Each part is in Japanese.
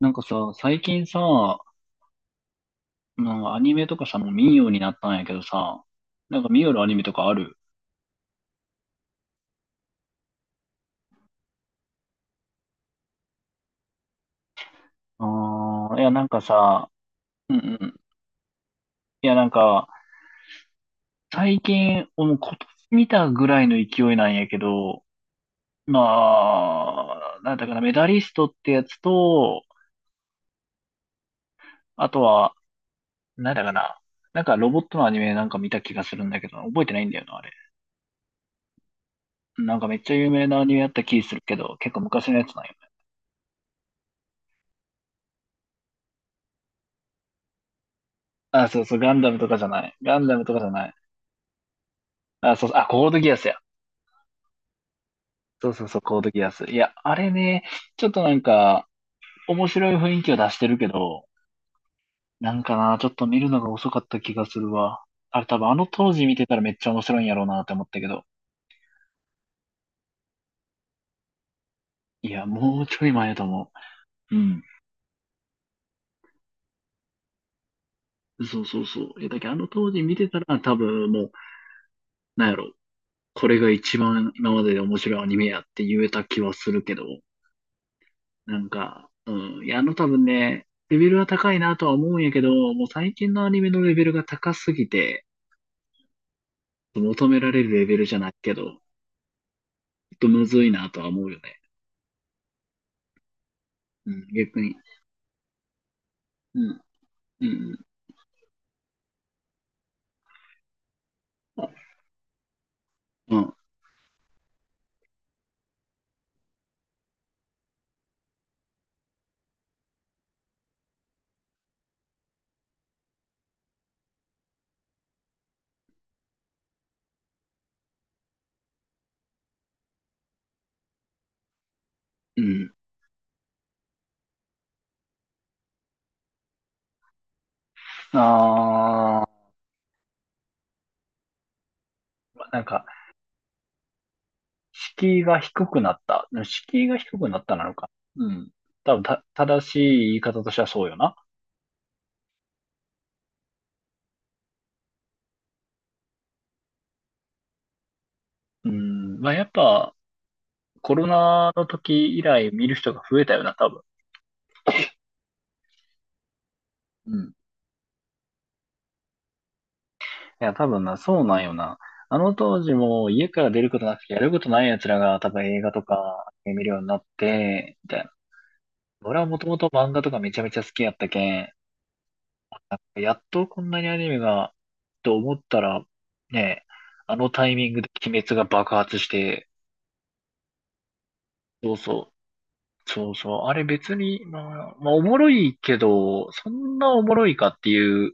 なんかさ、最近さ、なんかアニメとかさ、もう見んようになったんやけどさ、なんか見よるアニメとかある？ああ、いや、なんかさ、うんうん。いや、なんか、最近、もう今年見たぐらいの勢いなんやけど、まあ、なんだかな、メダリストってやつと、あとは、なんだかな、なんかロボットのアニメなんか見た気がするんだけど、覚えてないんだよな、あれ。なんかめっちゃ有名なアニメやった気するけど、結構昔のやつなんよ。あ、そうそう、ガンダムとかじゃない。ガンダムとかじゃない。あ、そう、あ、コードギアスや。そうそうそう、コードギアス。いや、あれね、ちょっとなんか、面白い雰囲気を出してるけど、なんかな、ちょっと見るのが遅かった気がするわ。あれ多分あの当時見てたらめっちゃ面白いんやろうなって思ったけど。いや、もうちょい前やと思う。うん。そうそうそう。いや、だけどあの当時見てたら多分もう、なんやろ、これが一番今までで面白いアニメやって言えた気はするけど。なんか、うん。いや、あの多分ね、レベルは高いなとは思うんやけど、もう最近のアニメのレベルが高すぎて、求められるレベルじゃないけど、ちょっとむずいなとは思うよね。うん、逆に。うん、うん、うん、うん。あー、なんか、敷居が低くなった。敷居が低くなったなのか。うん。多分、正しい言い方としてはそうよな。うん。まあ、やっぱ、コロナの時以来見る人が増えたよな、多分。うん。いや、多分な、そうなんよな。あの当時も家から出ることなくてやることない奴らが多分映画とか見るようになって、みたいな。俺はもともと漫画とかめちゃめちゃ好きやったけん、やっとこんなにアニメが、と思ったら、ね、あのタイミングで鬼滅が爆発して、そうそう、そうそう、あれ別に、まあ、まあおもろいけど、そんなおもろいかっていう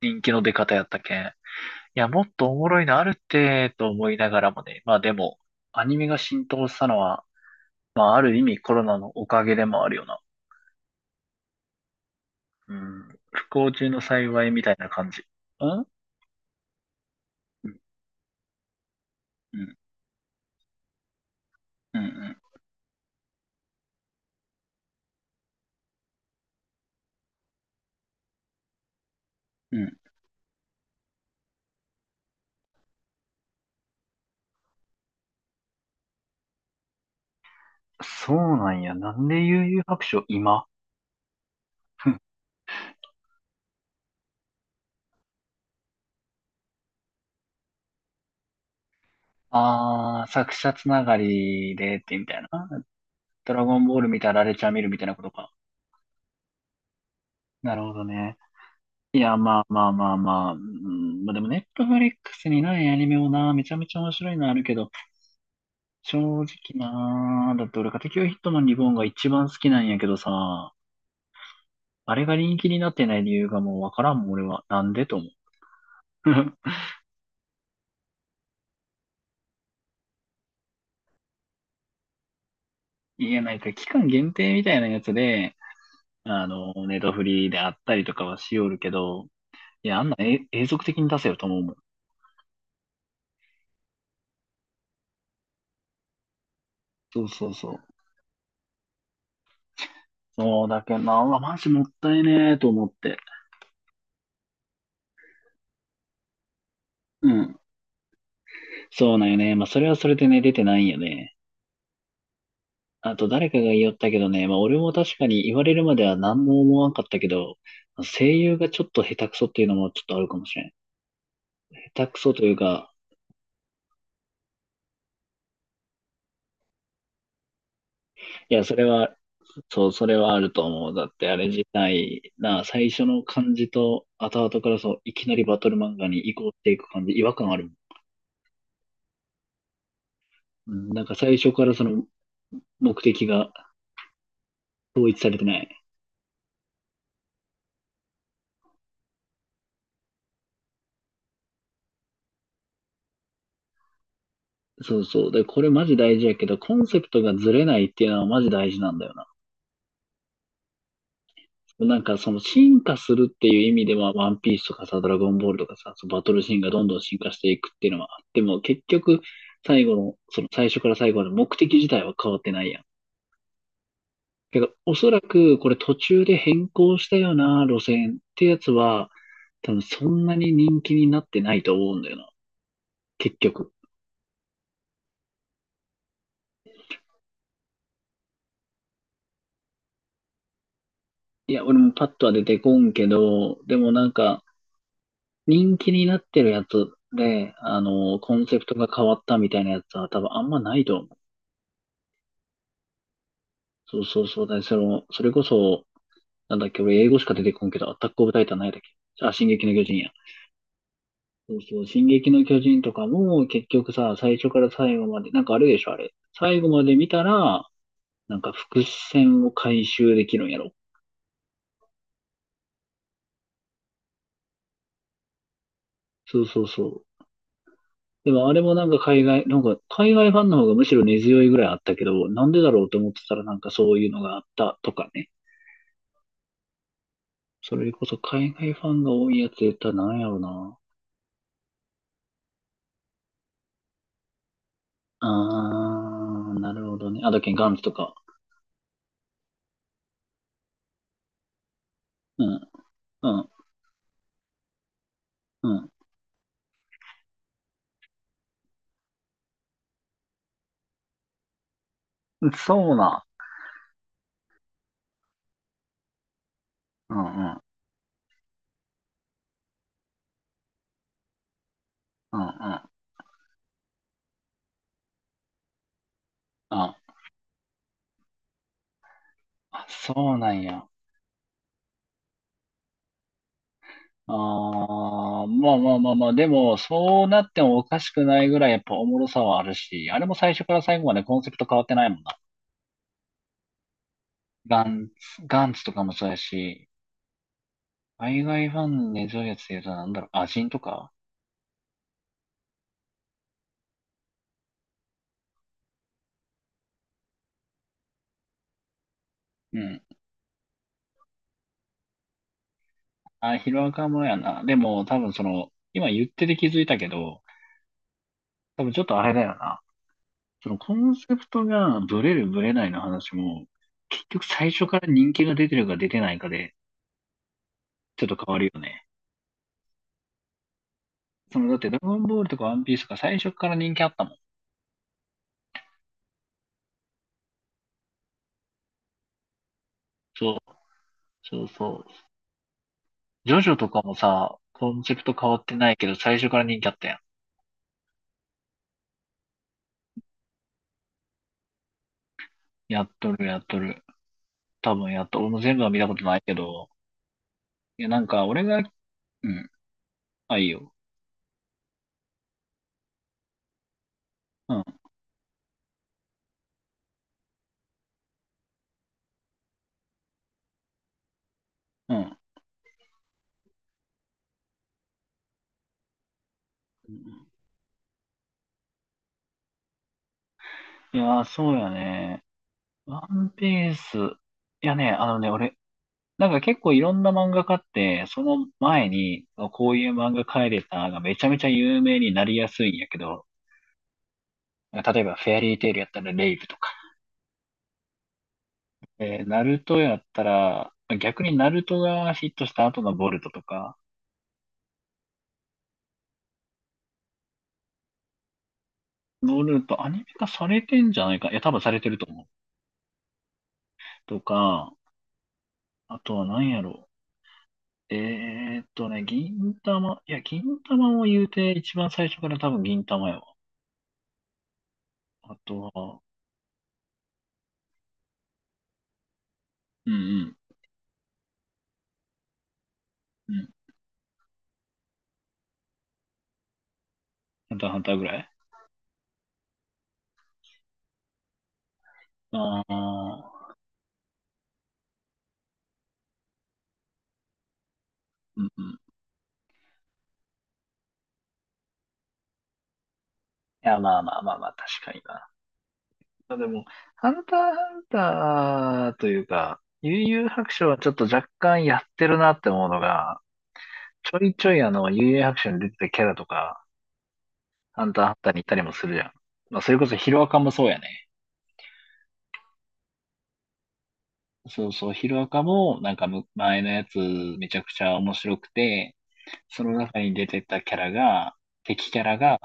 人気の出方やったけん。いや、もっとおもろいのあるって、と思いながらもね。まあでも、アニメが浸透したのは、まあある意味コロナのおかげでもあるよな。うん。不幸中の幸いみたいな感じ。うんうんうんうんうんうん。そうなんや。なんで悠々白書今。ああー、作者つながりでってみたいな。ドラゴンボール見たらラレちゃん見るみたいなことか。なるほどね。いや、まあまあまあまあ。うん、まあでも、ネットフリックスにないアニメもな、めちゃめちゃ面白いのあるけど、正直なー、だって俺家テキオヒットマンリボンが一番好きなんやけどさ、あれが人気になってない理由がもうわからんもん、俺は。なんでと思う。いや、なんか期間限定みたいなやつで、あの、ネットフリであったりとかはしおるけど、いや、あんな永続的に出せよと思うもん。そうそうそう。そうだけどな、うわマジもったいねーと思って。うん。そうなんよね。まあ、それはそれでね、出てないんよね。あと誰かが言おったけどね、まあ俺も確かに言われるまでは何も思わんかったけど、声優がちょっと下手くそっていうのもちょっとあるかもしれん。下手くそというか、いや、それは、そう、それはあると思う。だってあれ自体、な、最初の感じと後々からそう、いきなりバトル漫画に移行していく感じ、違和感あるもん。うん、なんか最初からその目的が統一されてない。そうそう。で、これマジ大事やけど、コンセプトがずれないっていうのはマジ大事なんだよな。なんかその進化するっていう意味では、ワンピースとかさ、ドラゴンボールとかさ、そのバトルシーンがどんどん進化していくっていうのはあっても、結局、最後の、その最初から最後まで目的自体は変わってないやん。けど、おそらくこれ途中で変更したような、路線ってやつは、多分そんなに人気になってないと思うんだよな、結局。いや、俺もパッとは出てこんけど、でもなんか、人気になってるやつで、あの、コンセプトが変わったみたいなやつは多分あんまないと思う。そうそうそうだね。その、それこそ、なんだっけ、俺英語しか出てこんけど、アタックオブタイタンないだっけ。じゃあ、進撃の巨人や。そうそう、進撃の巨人とかも、結局さ、最初から最後まで、なんかあるでしょ、あれ。最後まで見たら、なんか伏線を回収できるんやろ。そうそうそう。でもあれもなんか海外、なんか海外ファンの方がむしろ根強いぐらいあったけど、なんでだろうと思ってたらなんかそういうのがあったとかね。それこそ海外ファンが多いやつ言ったらなんやろな。あー、なるほどね。あ、だっけ、ガンツとか。うん、うん、うん。そうな。うん、うん、うん、うん。あ、あそうなんや。あー、まあまあまあまあ、でも、そうなってもおかしくないぐらいやっぱおもろさはあるし、あれも最初から最後までコンセプト変わってないもんな。ガンツ、ガンツとかもそうやし、海外ファンに根強いやつで言うとなんだろう、アジンとか。うん。あ、ヒロアカもやな。でも、多分その、今言ってて気づいたけど、多分ちょっとあれだよな。そのコンセプトがブレるブレないの話も、結局最初から人気が出てるか出てないかで、ちょっと変わるよね。その、だってドラゴンボールとかワンピースとか最初から人気あったもん。そう、そうそう。ジョジョとかもさ、コンセプト変わってないけど、最初から人気あったやん。やっとる、やっとる。多分やっと、俺も全部は見たことないけど、いや、なんか俺が、うん、あ、いいよ。うん、うん。いやー、そうやね。ワンピース。いやね、あのね、俺、なんか結構いろんな漫画家って、その前に、こういう漫画描いてたがめちゃめちゃ有名になりやすいんやけど、例えばフェアリーテイルやったらレイブとか、ナルトやったら、逆にナルトがヒットした後のボルトとか、ボルトアニメ化されてんじゃないか。いや、多分されてると思う。とか、あとは何やろう。銀玉、いや、銀玉も言うて一番最初から多分銀玉やわ。あとは、うんうん、うん。ハンターハンターぐらい。ああー、うんうん。いや、まあまあまあまあ、確かにな。まあでも、ハンターハンターというか、悠々白書はちょっと若干やってるなって思うのが、ちょいちょいあの、悠々白書に出てたキャラとか、ハンターハンターに行ったりもするじゃん。まあ、それこそヒロアカもそうやね。そうそう、ヒロアカも、なんか前のやつめちゃくちゃ面白くて、その中に出てたキャラが、敵キャラが、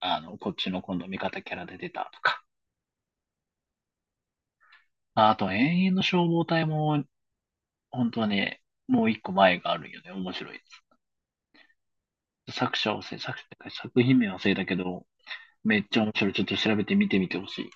あの、こっちの今度味方キャラで出たとか。まああと、永遠の消防隊も本当はね、もう一個前があるんよね。面白いやつ。作者を忘れ、作者作品名忘れたけど、めっちゃ面白い。ちょっと調べて見てみてほしい。